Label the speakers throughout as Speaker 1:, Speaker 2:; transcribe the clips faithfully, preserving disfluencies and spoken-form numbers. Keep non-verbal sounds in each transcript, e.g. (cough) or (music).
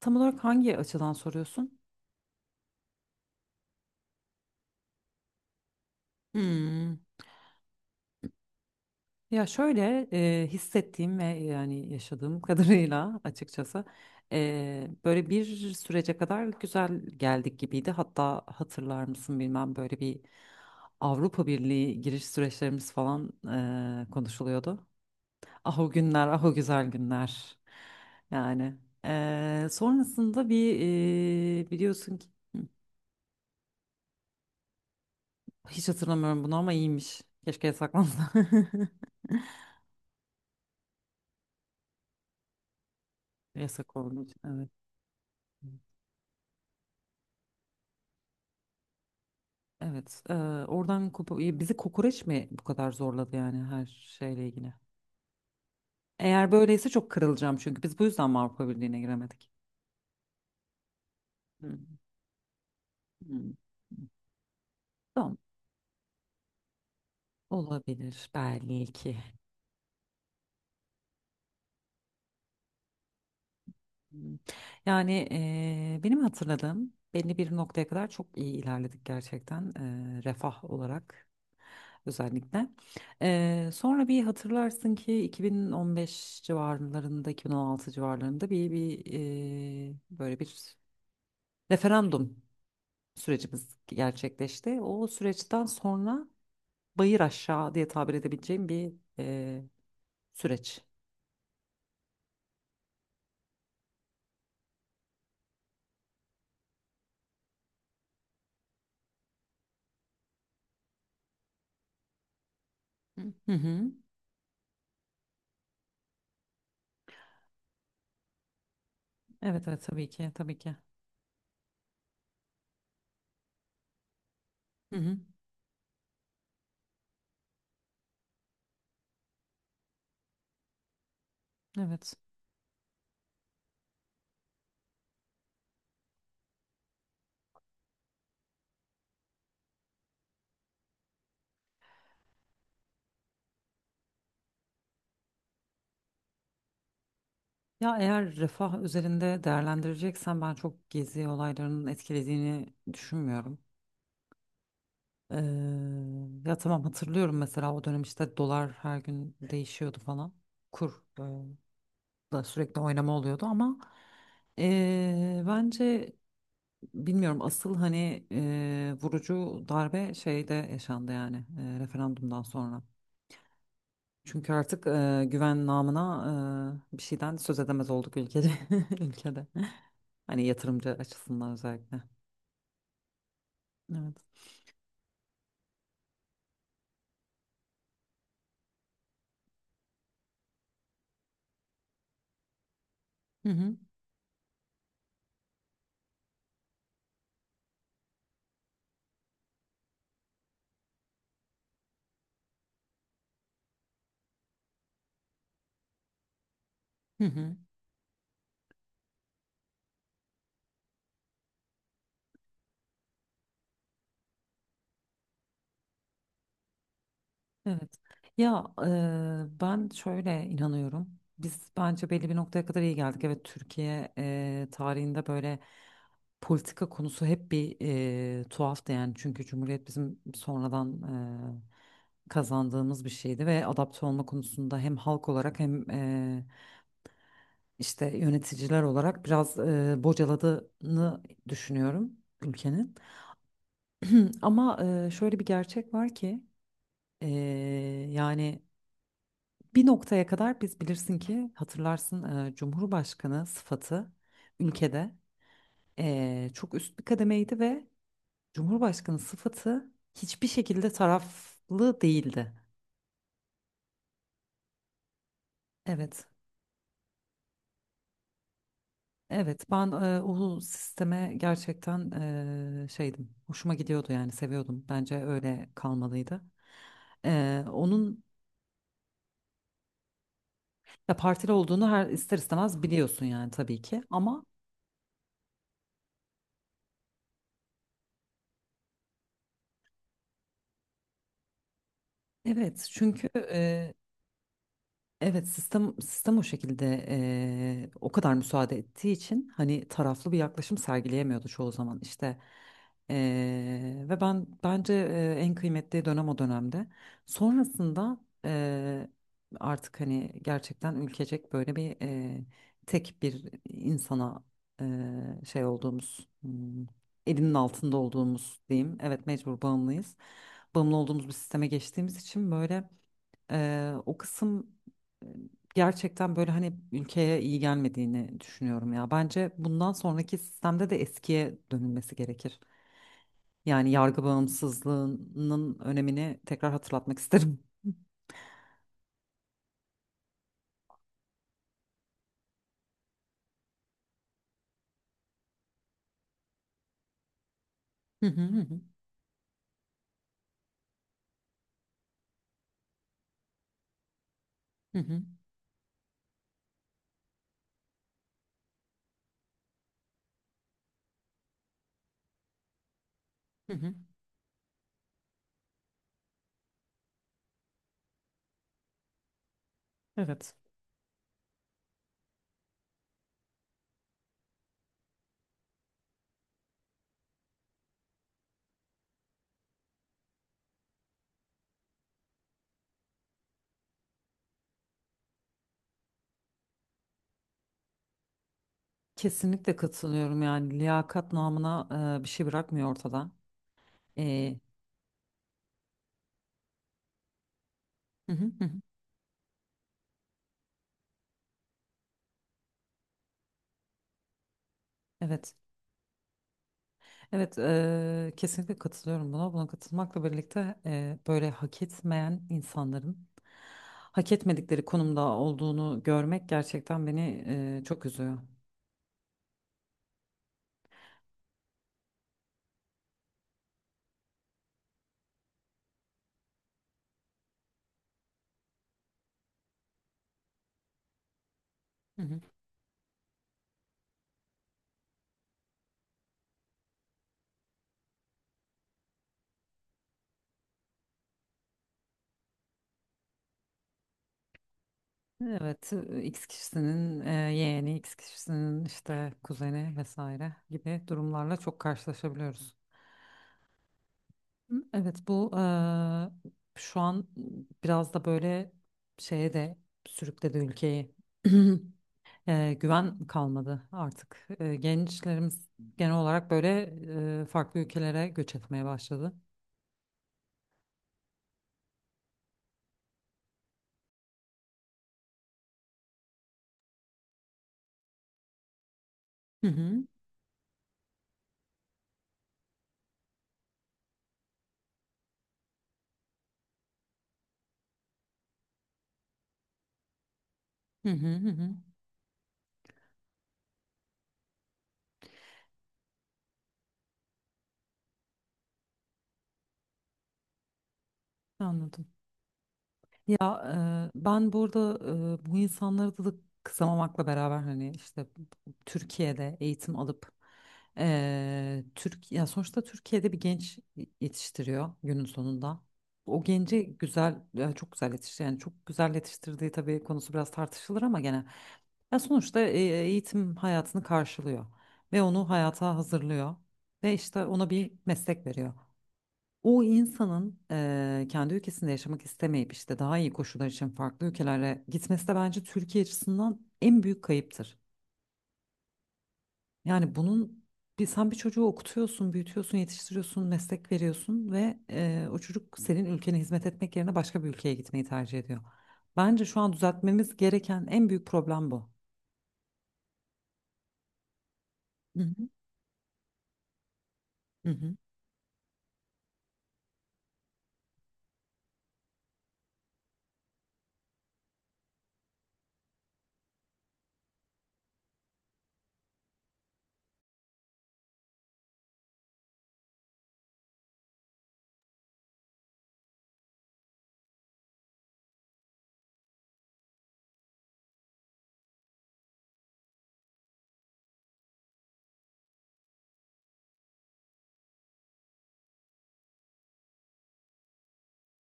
Speaker 1: Tam olarak hangi açıdan soruyorsun? Hmm. Ya şöyle, e, hissettiğim ve yani yaşadığım (laughs) kadarıyla açıkçası e, böyle bir sürece kadar güzel geldik gibiydi. Hatta hatırlar mısın bilmem, böyle bir Avrupa Birliği giriş süreçlerimiz falan e, konuşuluyordu. Ah o günler, ah o güzel günler. Yani e, sonrasında bir e, biliyorsun ki hiç hatırlamıyorum bunu, ama iyiymiş. Keşke yasaklansa. (laughs) Yasak olduğu için, evet. Evet. eee, oradan kopa- ya bizi kokoreç mi bu kadar zorladı yani, her şeyle ilgili? Eğer böyleyse çok kırılacağım, çünkü biz bu yüzden mi Avrupa Birliği'ne giremedik? Hmm, hmm. Tamam. Olabilir belki. Hmm. Yani eee, benim hatırladığım belli bir noktaya kadar çok iyi ilerledik gerçekten, eee, refah olarak özellikle. Eee, sonra bir hatırlarsın ki iki bin on beş civarlarında iki bin on altı civarlarında bir bir eee, böyle bir referandum sürecimiz gerçekleşti. O süreçten sonra bayır aşağı diye tabir edebileceğim bir eee, süreç. Hı hı. Evet, evet, tabii ki, tabii ki. Hı hı. Evet. Ya eğer refah üzerinde değerlendireceksen, ben çok gezi olaylarının etkilediğini düşünmüyorum. Ee, ya tamam, hatırlıyorum mesela o dönem işte dolar her gün değişiyordu falan. Kur e, da sürekli oynama oluyordu, ama e, bence bilmiyorum, asıl hani e, vurucu darbe şeyde yaşandı yani, e, referandumdan sonra. Çünkü artık e, güven namına e, bir şeyden söz edemez olduk ülkede. (laughs) Ülkede. Hani yatırımcı açısından özellikle. Evet. Hı hı. Hı hı. Evet. Ya e, ben şöyle inanıyorum. Biz bence belli bir noktaya kadar iyi geldik. Evet, Türkiye e, tarihinde böyle politika konusu hep bir e, tuhaftı yani. Çünkü Cumhuriyet bizim sonradan e, kazandığımız bir şeydi ve adapte olma konusunda hem halk olarak, hem işte yöneticiler olarak biraz e, bocaladığını düşünüyorum ülkenin. Ama e, şöyle bir gerçek var ki e, yani bir noktaya kadar biz, bilirsin ki hatırlarsın, e, Cumhurbaşkanı sıfatı ülkede e, çok üst bir kademeydi ve Cumhurbaşkanı sıfatı hiçbir şekilde taraflı değildi. Evet. Evet, ben e, o sisteme gerçekten e, şeydim, hoşuma gidiyordu yani, seviyordum. Bence öyle kalmalıydı. Ee, onun da partili olduğunu her ister istemez biliyorsun yani, tabii ki. Ama evet, çünkü e, evet, sistem sistem o şekilde, eee, o kadar müsaade ettiği için hani taraflı bir yaklaşım sergileyemiyordu çoğu zaman işte. Eee, ve ben bence eee, en kıymetli dönem o dönemde sonrasında eee, artık hani gerçekten ülkecek böyle bir eee, tek bir insana eee, şey olduğumuz, hmm, elinin altında olduğumuz diyeyim, evet, mecbur bağımlıyız, bağımlı olduğumuz bir sisteme geçtiğimiz için böyle. Eee, o kısım e, gerçekten böyle hani ülkeye iyi gelmediğini düşünüyorum ya. Bence bundan sonraki sistemde de eskiye dönülmesi gerekir. Yani yargı bağımsızlığının önemini tekrar hatırlatmak isterim. Hı hı, hı hı, hı hı. Hı hı. Evet. Kesinlikle katılıyorum, yani liyakat namına e, bir şey bırakmıyor ortada. E, hı hı, hı hı. Evet. Evet, eee, kesinlikle katılıyorum buna. Buna katılmakla birlikte eee, böyle hak etmeyen insanların hak etmedikleri konumda olduğunu görmek gerçekten beni eee, çok üzüyor. Hı hı. Evet, e, X kişisinin e, yeğeni, X kişisinin işte kuzeni vesaire gibi durumlarla çok karşılaşabiliyoruz. Hı, evet, bu e, şu an biraz da böyle şeye de sürükledi ülkeyi. (clears throat) E, güven kalmadı artık. E, gençlerimiz genel olarak böyle e, farklı ülkelere göç etmeye başladı. Hı hı, hı hı, hı hı. Anladım. Ya e, ben burada e, bu insanları da kısamamakla beraber, hani işte Türkiye'de eğitim alıp e, Türk, ya sonuçta Türkiye'de bir genç yetiştiriyor günün sonunda. O genci güzel, ya çok güzel yetiştiriyor. Yani çok güzel yetiştirdiği tabii konusu biraz tartışılır ama gene. Ya sonuçta e, eğitim hayatını karşılıyor ve onu hayata hazırlıyor ve işte ona bir meslek veriyor. O insanın e, kendi ülkesinde yaşamak istemeyip işte daha iyi koşullar için farklı ülkelere gitmesi de bence Türkiye açısından en büyük kayıptır. Yani bunun bir, sen bir çocuğu okutuyorsun, büyütüyorsun, yetiştiriyorsun, meslek veriyorsun ve e, o çocuk senin ülkene hizmet etmek yerine başka bir ülkeye gitmeyi tercih ediyor. Bence şu an düzeltmemiz gereken en büyük problem bu. Hı hı. Hı hı.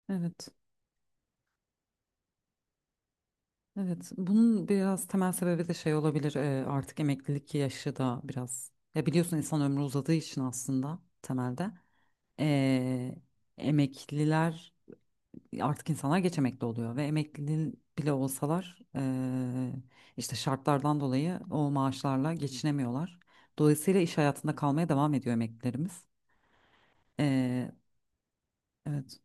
Speaker 1: Evet. Evet, bunun biraz temel sebebi de şey olabilir. E, artık emeklilik yaşı da biraz. Ya biliyorsun, insan ömrü uzadığı için aslında temelde e, emekliler, artık insanlar geç emekli oluyor ve emekli bile olsalar e, işte şartlardan dolayı o maaşlarla geçinemiyorlar. Dolayısıyla iş hayatında kalmaya devam ediyor emeklilerimiz. E, evet,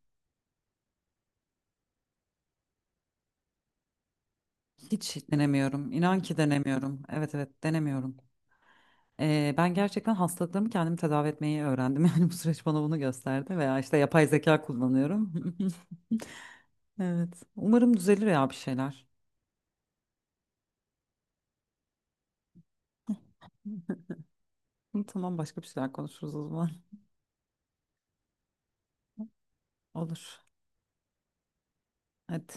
Speaker 1: hiç denemiyorum. İnan ki denemiyorum. Evet, evet, denemiyorum. Ee, ben gerçekten hastalıklarımı kendim tedavi etmeyi öğrendim. (laughs) Yani bu süreç bana bunu gösterdi, veya işte yapay zeka kullanıyorum. (laughs) Evet. Umarım düzelir ya bir şeyler. (laughs) Tamam, başka bir şeyler konuşuruz o zaman. Olur. Hadi.